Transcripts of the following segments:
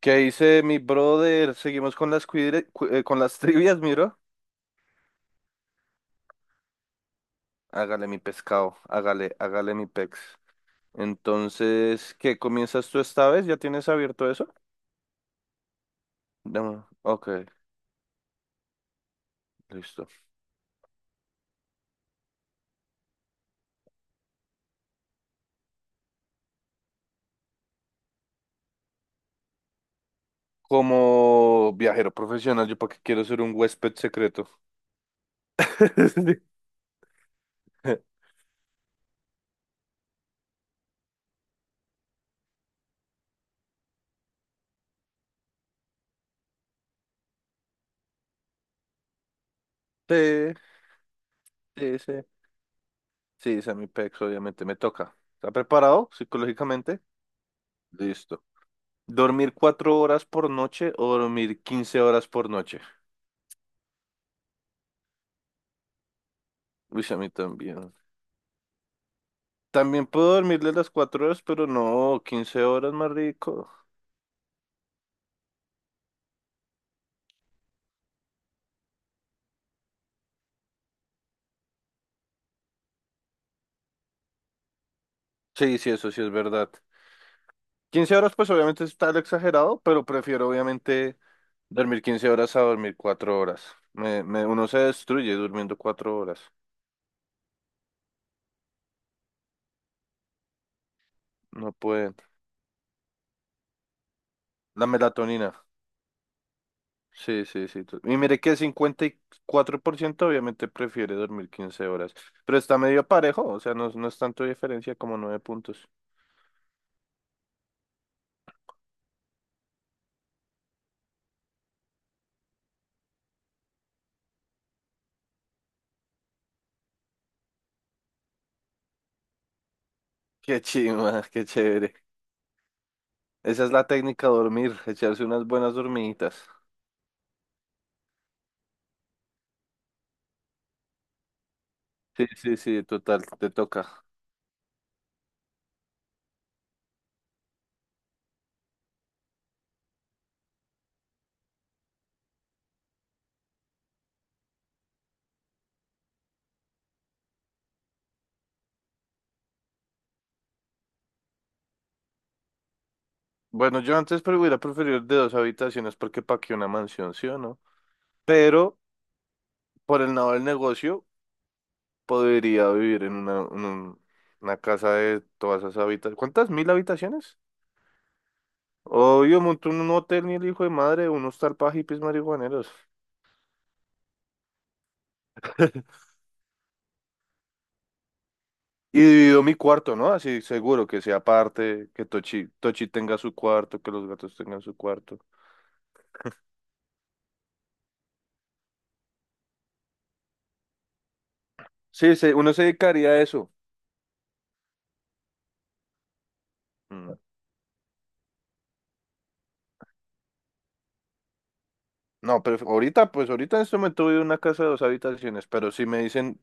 ¿Qué dice mi brother? Seguimos con las con las trivias, miro. Hágale mi pescado, hágale, hágale mi pex. Entonces, ¿qué comienzas tú esta vez? ¿Ya tienes abierto eso? No, ok, listo. Como viajero profesional, yo para qué quiero ser un huésped secreto. Sí, sí, sí. Sí, esa es mi pex, obviamente me toca. ¿Está preparado psicológicamente? Listo. ¿Dormir cuatro horas por noche o dormir quince horas por noche? Uy, sí, a mí también. También puedo dormirle las cuatro horas, pero no, 15 horas más rico. Sí, sí, eso sí es verdad. Quince horas, pues obviamente está el exagerado, pero prefiero obviamente dormir 15 horas a dormir cuatro horas. Uno se destruye durmiendo cuatro horas. No pueden. La melatonina. Sí, sí, sí. Y mire que cincuenta y cuatro por ciento obviamente prefiere dormir 15 horas. Pero está medio parejo, o sea, no, no es tanto diferencia como nueve puntos. Qué chima, qué chévere. Esa es la técnica, dormir, echarse unas buenas dormiditas. Sí, sí, sí, total, te toca. Bueno, yo antes pero hubiera preferido de dos habitaciones porque pa' qué una mansión, ¿sí o no? Pero por el lado del negocio podría vivir en una, en un- una casa de todas esas habitaciones. ¿Cuántas? ¿Mil habitaciones? Obvio, monto un hotel ni el hijo de madre, unos hostal para hippies marihuaneros. Y divido mi cuarto, ¿no? Así seguro que sea aparte, que Tochi tenga su cuarto, que los gatos tengan su cuarto. Sí, uno se dedicaría a eso. Mm, no, pero ahorita, pues ahorita en este momento vivo en una casa de dos habitaciones, pero si me dicen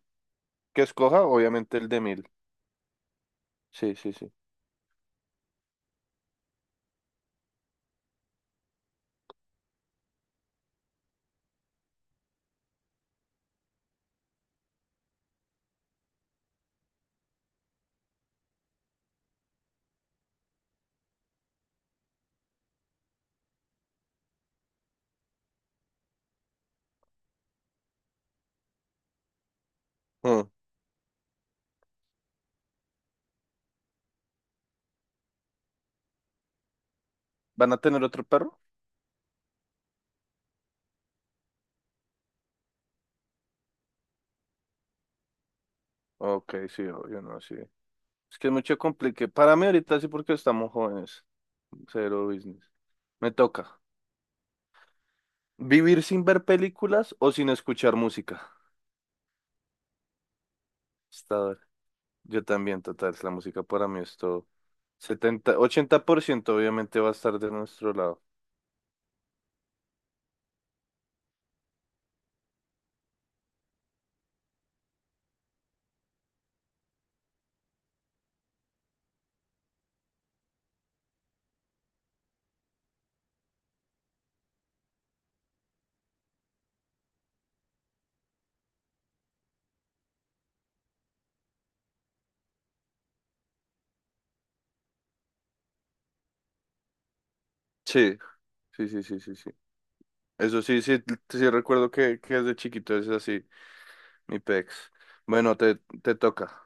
que escoja, obviamente el de mil. Sí, sí, sí. Mm, ¿van a tener otro perro? Ok, sí, obvio, no, sí. Es que es mucho complique. Para mí ahorita sí porque estamos jóvenes. Cero business. Me toca. ¿Vivir sin ver películas o sin escuchar música? Está duro. Yo también, total. La música para mí es todo. Setenta ochenta por ciento obviamente va a estar de nuestro lado. Sí, sí, sí, sí, sí, sí. Eso sí, sí, sí recuerdo que, desde chiquito es así, mi pex. Bueno, te toca,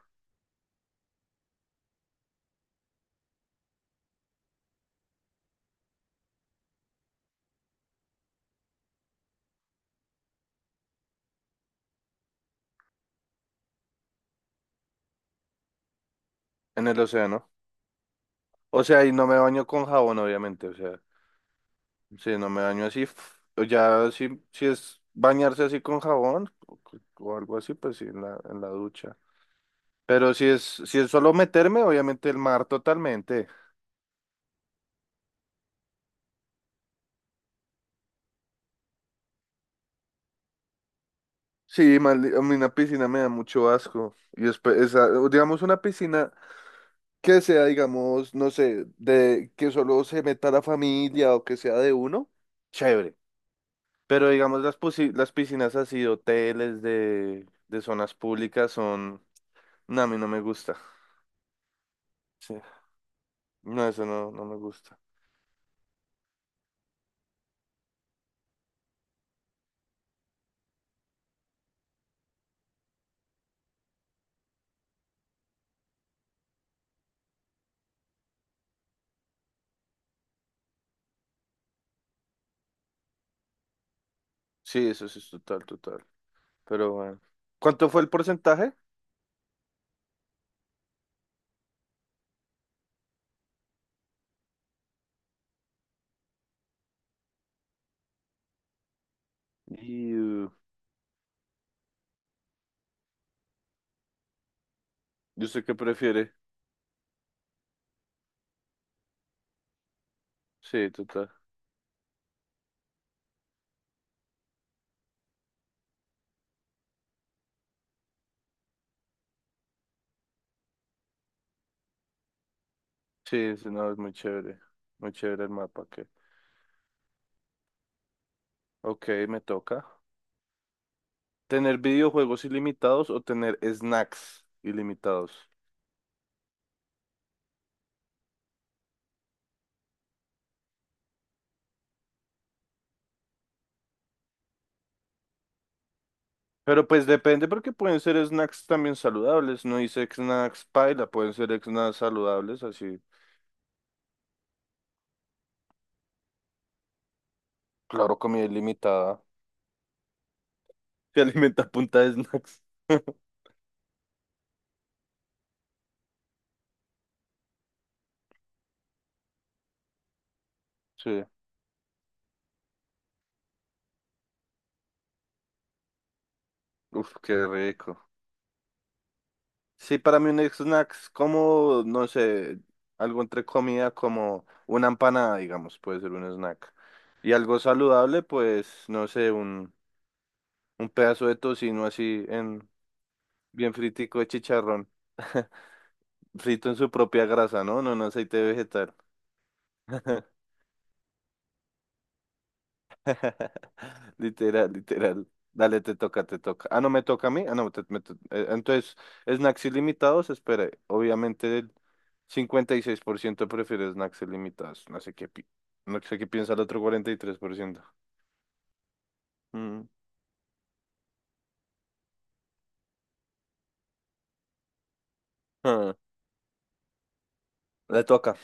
en el océano. O sea, y no me baño con jabón, obviamente, o sea, sí, no me baño así. F- o Ya, si es bañarse así con jabón o algo así, pues sí, en la ducha. Pero si es solo meterme, obviamente el mar totalmente. Sí, a mí una piscina me da mucho asco. Y después, digamos, una piscina que sea, digamos, no sé, de que solo se meta la familia o que sea de uno, chévere. Pero digamos, las piscinas así, de hoteles de zonas públicas son... No, a mí no me gusta. Sí. No, eso no, no me gusta. Sí, eso sí es total, total. Pero bueno. ¿Cuánto fue el porcentaje? Y yo sé que prefiere. Sí, total. Sí, sí, no, es muy chévere. Muy chévere el mapa. Que ok, me toca. ¿Tener videojuegos ilimitados o tener snacks ilimitados? Pero pues depende porque pueden ser snacks también saludables. No dice snacks paila, pueden ser snacks saludables, así. Claro, comida ilimitada. Se alimenta a punta de snacks. Sí. Uf, qué rico. Sí, para mí un snack es como, no sé, algo entre comida como una empanada, digamos, puede ser un snack. Y algo saludable, pues, no sé, un pedazo de tocino así en, bien fritico de chicharrón. Frito en su propia grasa, ¿no? No en aceite vegetal. Literal, literal. Dale, te toca, te toca. Ah, no me toca a mí. Ah, no, entonces, snacks ilimitados, espere. Obviamente el 56% prefiere snacks ilimitados. No sé qué, no sé qué piensa el otro 43%. Mm. Ah, le toca.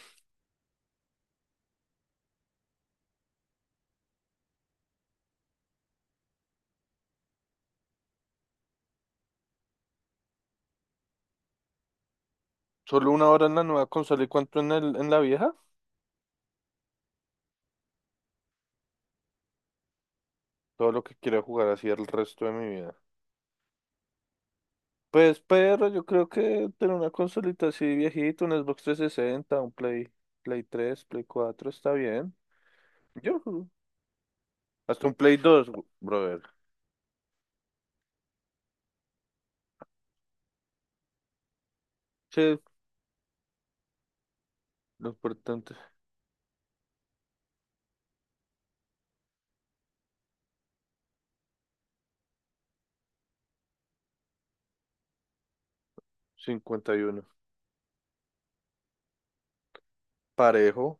Solo una hora en la nueva consola y cuánto en la vieja. Todo lo que quiero jugar así el resto de mi vida. Pues perro, yo creo que tener una consolita así viejita, un Xbox 360, Play 3, Play 4, está bien. Yo, hasta un Play 2, brother. Sí, lo importante, 51. Parejo.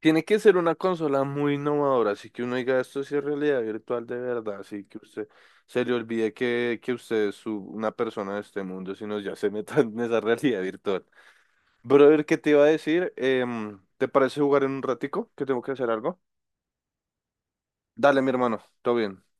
Tiene que ser una consola muy innovadora, así que uno diga esto sí es realidad virtual de verdad, así que usted se le olvide que, usted una persona de este mundo, sino ya se meta en esa realidad virtual. Brother, ¿qué te iba a decir? ¿Te parece jugar en un ratico? Que tengo que hacer algo. Dale, mi hermano, todo bien.